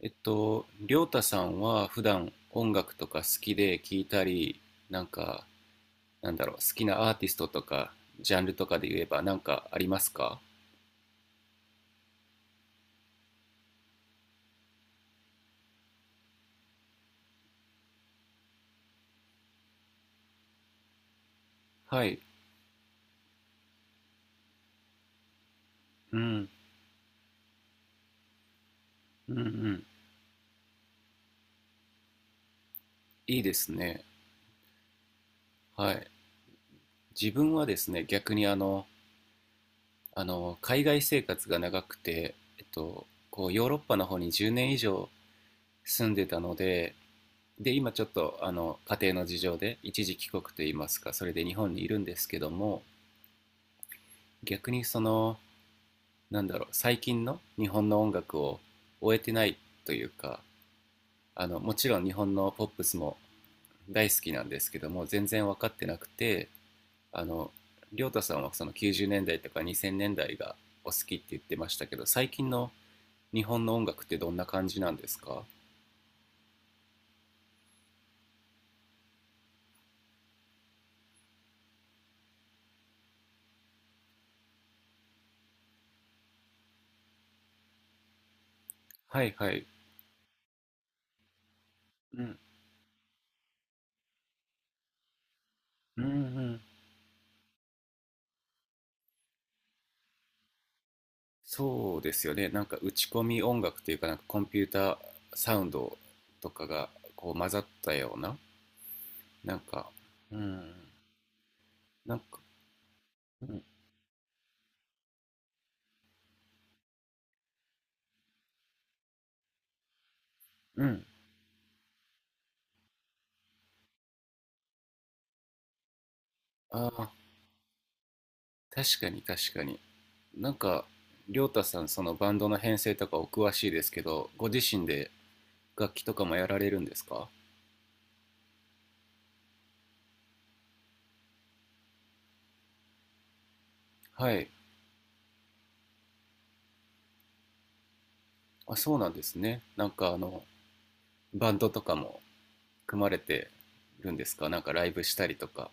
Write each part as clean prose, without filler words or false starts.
りょうたさんは普段音楽とか好きで聴いたり、なんか、好きなアーティストとか、ジャンルとかで言えばなんかありますか？はい。うん。うんうん。いいですね。はい。自分はですね、逆に海外生活が長くて、こう、ヨーロッパの方に10年以上住んでたので、で、今ちょっと、あの、家庭の事情で一時帰国といいますか、それで日本にいるんですけども、逆にその、なんだろう、最近の日本の音楽を終えてないというか、あのもちろん日本のポップスも大好きなんですけども全然分かってなくて、あの、りょう太さんはその90年代とか2000年代がお好きって言ってましたけど、最近の日本の音楽ってどんな感じなんですか？はいはい、うん、うんうん。そうですよね、なんか打ち込み音楽というか、なんかコンピューターサウンドとかがこう混ざったような。なんか、うん、なんか、うん、うん。ああ、確かに確かに。なんか、りょうたさん、そのバンドの編成とかお詳しいですけど、ご自身で楽器とかもやられるんですか？はい。あ、そうなんですね。なんかあの、バンドとかも組まれてるんですか、なんかライブしたりとか。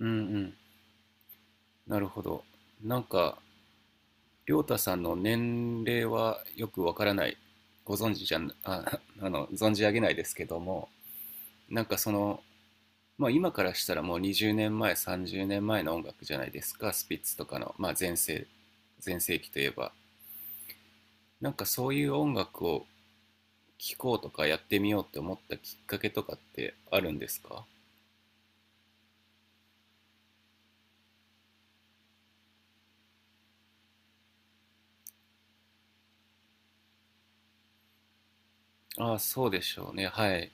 うんうん。なるほど。なんか、りょうたさんの年齢はよくわからない。ご存知じゃん、あ、あの、存じ上げないですけども、なんかその、まあ、今からしたらもう20年前、30年前の音楽じゃないですか、スピッツとかの、前世紀といえば。なんかそういう音楽を聴こうとかやってみようって思ったきっかけとかってあるんですか？ああ、そうでしょうね。はい。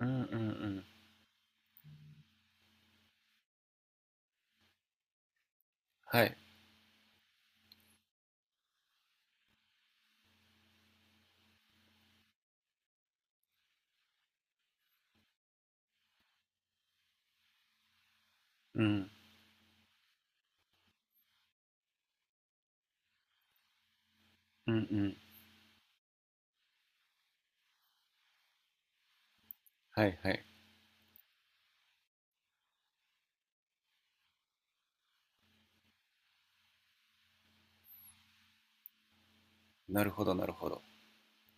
うんうんうん。はい。うん。うんうん。はいはい。なるほどなるほど。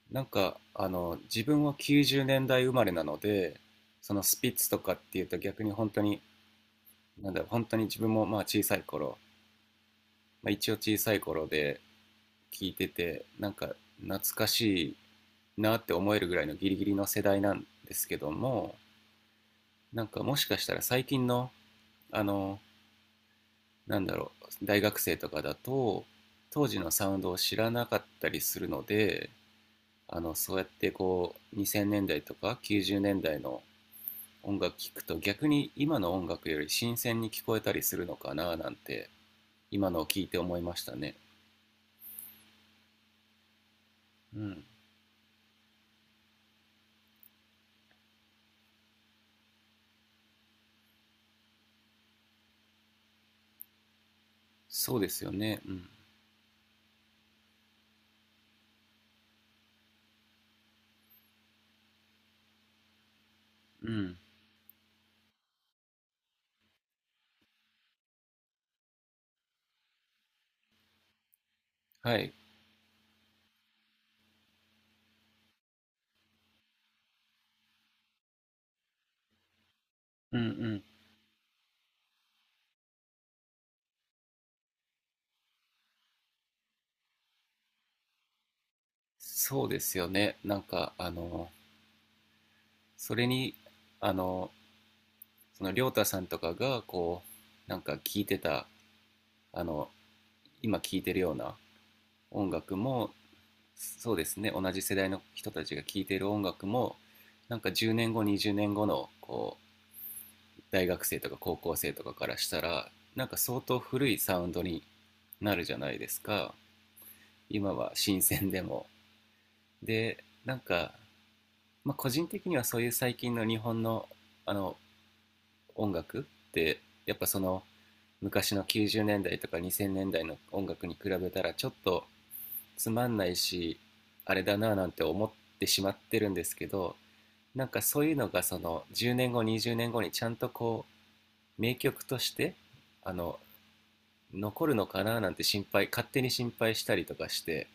なんか、あの、自分は90年代生まれなので、そのスピッツとかっていうと逆に本当に、なんだろう、本当に自分もまあ小さい頃、まあ、一応小さい頃で聞いててなんか懐かしいなって思えるぐらいのギリギリの世代なんですけども、なんかもしかしたら最近の、あの、なんだろう、大学生とかだと当時のサウンドを知らなかったりするので、あの、そうやってこう2000年代とか90年代の音楽聴くと逆に今の音楽より新鮮に聞こえたりするのかな、なんて今のを聞いて思いましたね。うん、そうですよね。うん、うん、はい。うんうん。そうですよね。なんか、あの、それに、あの、その、りょうたさんとかが、こう、なんか聞いてた、あの、今聞いてるような音楽も、そうですね、同じ世代の人たちが聞いてる音楽も、なんか10年後、20年後の、こう、大学生とか高校生とかからしたら、なんか相当古いサウンドになるじゃないですか。今は新鮮でも。で、なんか、まあ、個人的にはそういう最近の日本の、あの、音楽ってやっぱその昔の90年代とか2000年代の音楽に比べたらちょっとつまんないし、あれだなぁなんて思ってしまってるんですけど、なんかそういうのがその10年後20年後にじゅうねんごにちゃんとこう名曲としてあの残るのかなぁなんて、心配、勝手に心配したりとかして。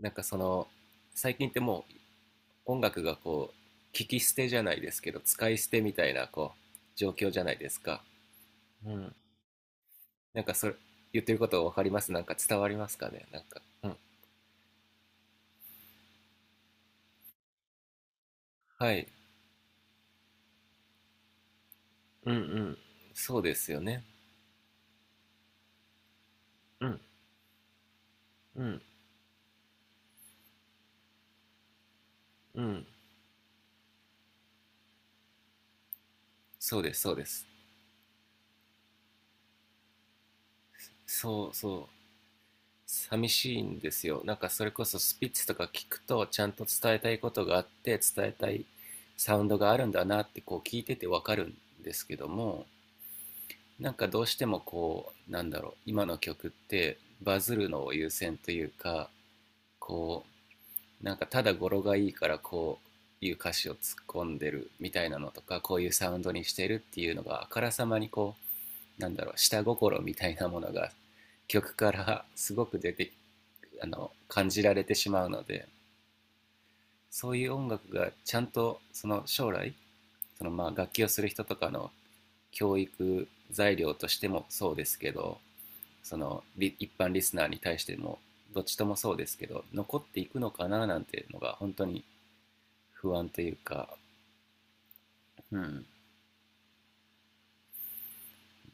なんかその最近っても音楽がこう聞き捨てじゃないですけど使い捨てみたいなこう状況じゃないですか。うん。なんかそれ、言ってること分かります、なんか伝わりますかね、なんか、うん、はい。うんうん。そうですよね。うん。うんうん。そうですそうです。そうそう、寂しいんですよ、なんかそれこそスピッツとか聞くとちゃんと伝えたいことがあって、伝えたいサウンドがあるんだなってこう聞いてて分かるんですけども、なんかどうしてもこう、なんだろう、今の曲ってバズるのを優先というか、こう、なんかただ語呂がいいからこういう歌詞を突っ込んでるみたいなのとか、こういうサウンドにしてるっていうのがあからさまにこう、なんだろう、下心みたいなものが曲からすごく出て、あの、感じられてしまうので、そういう音楽がちゃんとその将来、そのまあ楽器をする人とかの教育材料としてもそうですけど、その一般リスナーに対してもどっちともそうですけど残っていくのかな、なんていうのが本当に不安というか、うん、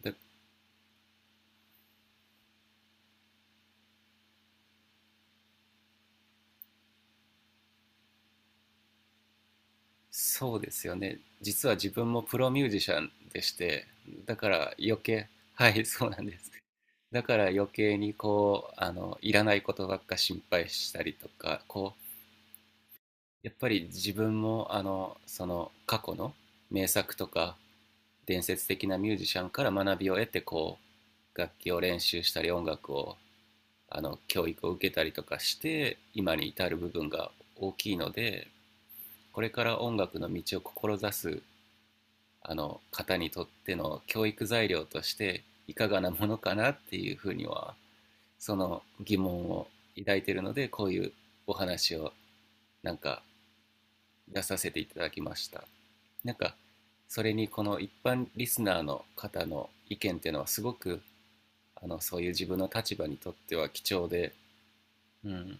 で、そうですよね。実は自分もプロミュージシャンでして、だから余計 はい、そうなんです。だから余計にこうあのいらないことばっか心配したりとかこう、やっぱり自分もあのその過去の名作とか伝説的なミュージシャンから学びを得てこう楽器を練習したり音楽をあの教育を受けたりとかして今に至る部分が大きいので、これから音楽の道を志すあの方にとっての教育材料としていかがなものかなっていうふうには、その疑問を抱いているので、こういうお話をなんか出させていただきました。なんかそれにこの一般リスナーの方の意見っていうのはすごく、あの、そういう自分の立場にとっては貴重で、うん、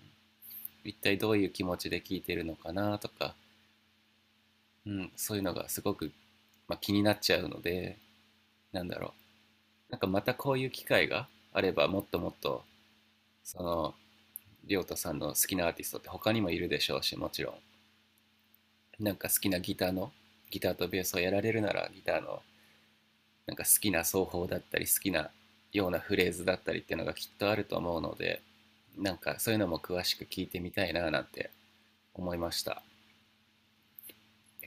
一体どういう気持ちで聞いてるのかなとか、うん、そういうのがすごく、まあ、気になっちゃうので、なんだろう、なんかまたこういう機会があればもっともっとその亮太さんの好きなアーティストって他にもいるでしょうし、もちろんなんか好きなギターの、ギターとベースをやられるならギターのなんか好きな奏法だったり好きなようなフレーズだったりっていうのがきっとあると思うので、なんかそういうのも詳しく聞いてみたいな、なんて思いました。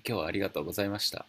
今日はありがとうございました。